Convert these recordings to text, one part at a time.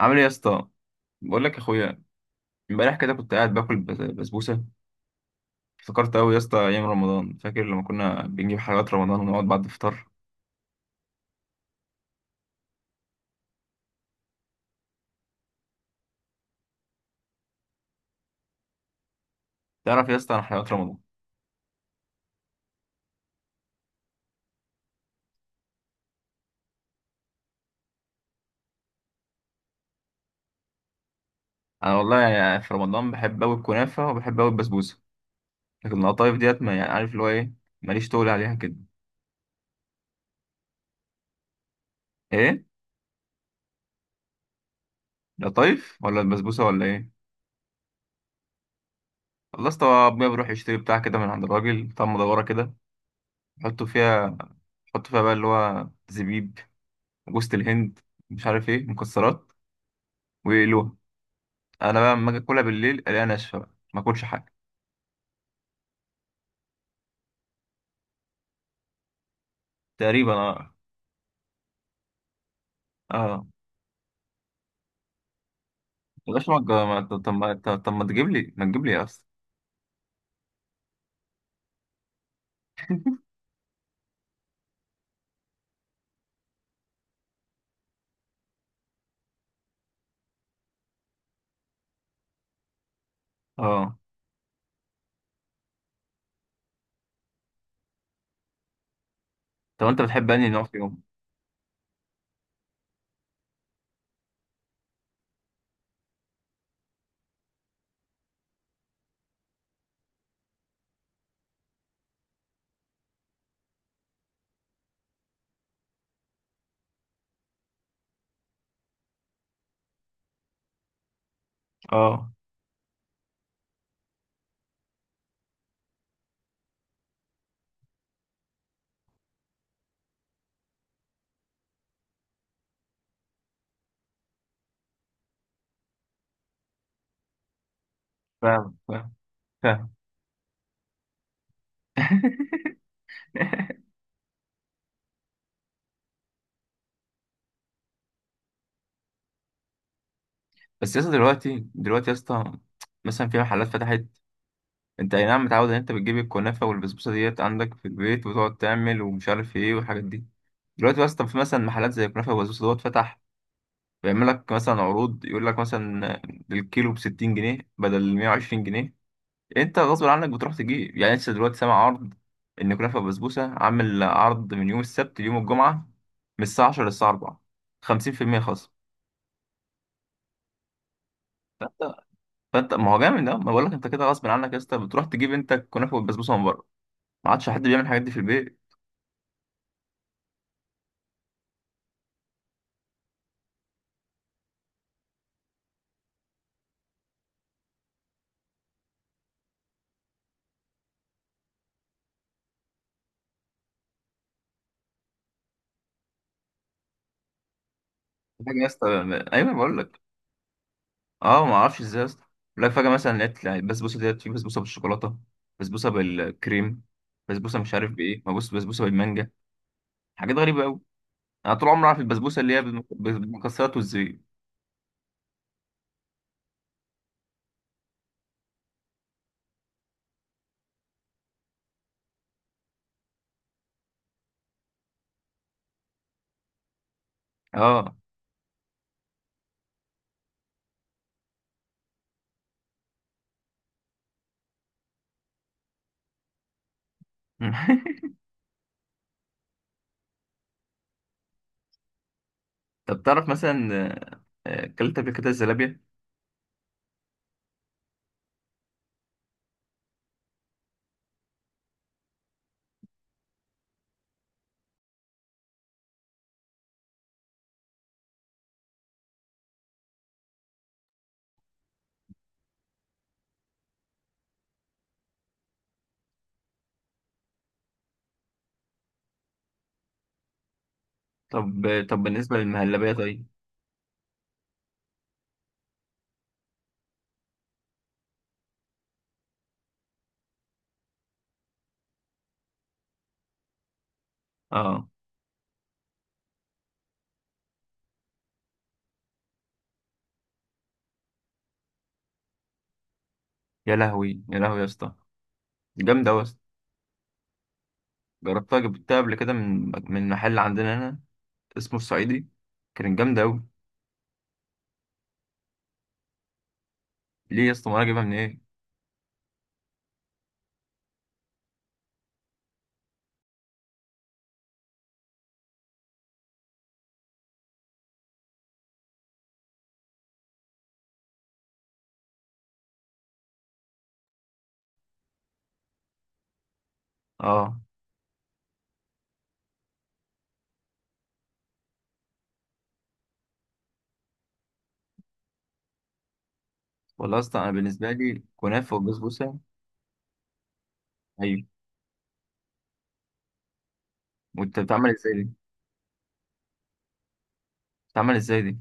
عامل ايه يا اسطى؟ بقول لك يا اخويا، امبارح كده كنت قاعد باكل بسبوسه. افتكرت قوي يا اسطى ايام رمضان، فاكر لما كنا بنجيب حلويات رمضان ونقعد بعد الفطار. تعرف يا اسطى، انا حلويات رمضان. انا والله يعني في رمضان بحب قوي الكنافه وبحب قوي البسبوسه، لكن القطايف ديت، ما يعني عارف اللي هو ايه، ماليش تقول عليها كده. ايه؟ القطايف ولا البسبوسه ولا ايه؟ خلصت ابويا بيروح يشتري بتاع كده من عند الراجل بتاع مدوره كده، يحطوا فيها يحطوا فيها بقى اللي هو زبيب، جوز الهند، مش عارف ايه، مكسرات، ويقلوها. انا بقى لما اجي اكلها بالليل الاقيها ناشفه بقى، ما اكلش حاجه. تقريبا، اه. اه، بلاش ما تج- ما- طب طب ما طب ما تجيب لي اصلا. اه، طب انت بتحب انهي نوع فيهم؟ اه، فاهم، فاهم، فاهم. بس يا اسطى دلوقتي يا اسطى، مثلا في محلات فتحت. انت اي نعم متعود ان انت بتجيب الكنافه والبسبوسه ديت عندك في البيت وتقعد تعمل ومش عارف ايه والحاجات دي. دلوقتي يا اسطى في مثلا محلات زي الكنافه والبسبوسه دوت فتح، بيعمل لك مثلا عروض، يقول لك مثلا الكيلو ب 60 جنيه بدل 120 جنيه. انت غصب عنك بتروح تجيب، يعني انت دلوقتي سامع عرض ان كنافه بسبوسه عامل عرض من يوم السبت ليوم الجمعه، من الساعه 10 للساعه 4، 50% خصم. فانت فانت ما هو جامد ده، ما بقول لك انت كده غصب عنك يا اسطى، بتروح تجيب انت الكنافه والبسبوسه من بره. ما عادش حد بيعمل الحاجات دي في البيت. فجاه يا اسطى، ايوه بقول لك. اه، ما اعرفش ازاي يا اسطى. بقول لك فجاه مثلا لقيت يعني البسبوسه ديت في بسبوسه بالشوكولاته، بسبوسه بالكريم، بسبوسه مش عارف بايه، ما بص، بسبوسه بالمانجا. حاجات غريبه قوي. انا طول عمري عارف البسبوسه اللي هي بالمكسرات والزبيب. اه. طب تعرف مثلا، اكلت قبل كده الزلابية. طب طب بالنسبة للمهلبية؟ طيب. اه، يا لهوي، يا لهوي يا اسطى، جامدة أوي يا اسطى. جربتها، جبتها قبل كده من محل عندنا هنا اسمه الصعيدي، كانت جامدة أوي. ليه يا اسطى؟ ما أنا جايبها من إيه. اه، والله يا اسطى أنا بالنسبة لي كنافة وبسبوسة. أيوة. وأنت بتعمل إزاي دي؟ بتعمل إزاي دي؟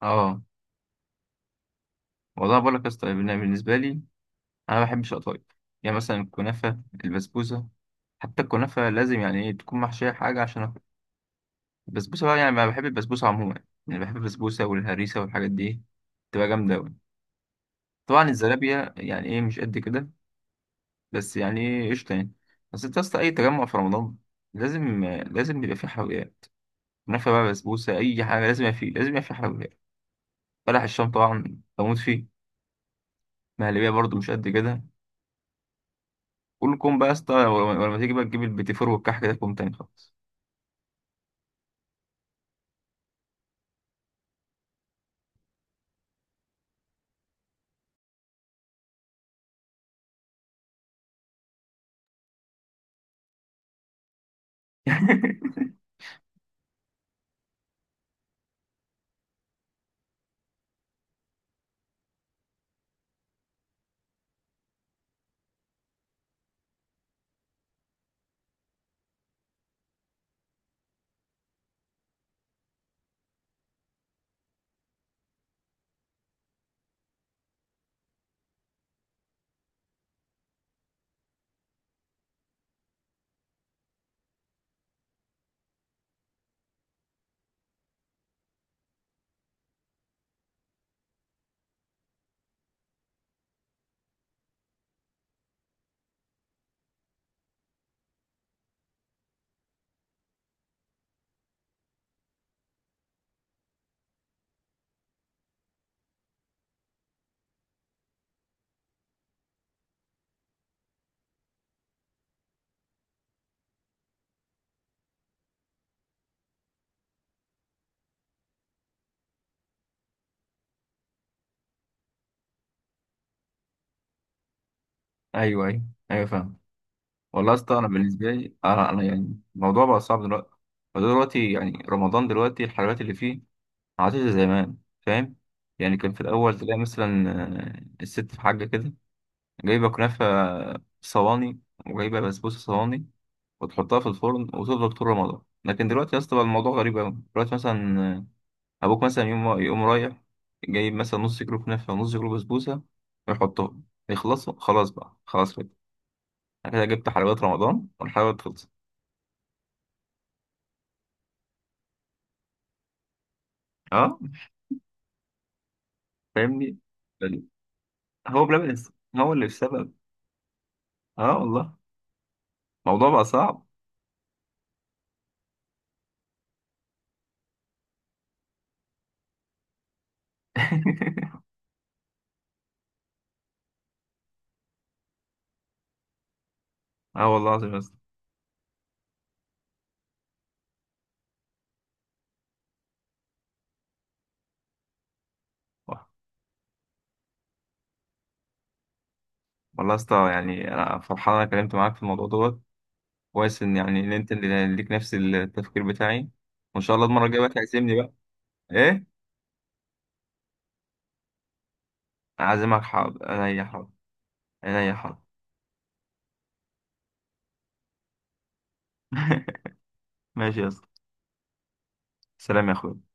اه، والله بقول لك يا اسطى بالنسبة لي، انا ما بحبش القطايف. يعني مثلا الكنافه، البسبوسه، حتى الكنافه لازم يعني ايه تكون محشيه حاجه عشان اكل. البسبوسه بقى، يعني ما بحب البسبوسه عموما، يعني بحب البسبوسه والهريسه والحاجات دي، تبقى جامده قوي. طبعا الزلابيه يعني ايه مش قد كده، بس يعني ايه قشطه يعني. بس انت اصلا اي تجمع في رمضان لازم، لازم يبقى فيه حلويات. كنافه بقى، بسبوسه، اي حاجه لازم يبقى فيه، لازم يبقى فيه حلويات. بلح الشام طبعا بموت فيه. مهلبيه برضو مش قد كده. كلكم بقى يا اسطى، ولما تيجي بقى تجيب البيتي فور والكحك ده كوم تاني خالص. ايوه، ايوه، ايوه، فاهم. والله يا اسطى انا بالنسبه لي، انا يعني الموضوع بقى صعب دلوقتي. فدلوقتي يعني رمضان دلوقتي، الحلويات اللي فيه ما عادش زي زمان. فاهم؟ يعني كان في الاول تلاقي مثلا الست في حاجه كده، جايبه كنافه صواني وجايبه بسبوسه صواني وتحطها في الفرن وتفضل طول رمضان. لكن دلوقتي يا اسطى بقى الموضوع غريب قوي. دلوقتي مثلا ابوك مثلا يقوم رايح جايب مثلا نص كيلو كنافه ونص كيلو بسبوسه ويحطهم، يخلصوا، خلاص بقى، خلاص. أنا كده جبت حلويات رمضان والحلويات خلصت. أه، فاهمني. بل- هو بلبن، هو اللي السبب. أه والله، الموضوع بقى صعب. أه والله العظيم يا اسطى. واه. والله يا اسطى يعني أنا فرحان أنا اتكلمت معاك في الموضوع دوت. كويس إن يعني إن أنت اللي ليك نفس التفكير بتاعي. وإن شاء الله المرة الجاية بقى تعزمني بقى. إيه؟ أعزمك، حاضر أنا، يا حاضر أنا، يا حاضر. ماشي يا اسطى، سلام يا أخوي.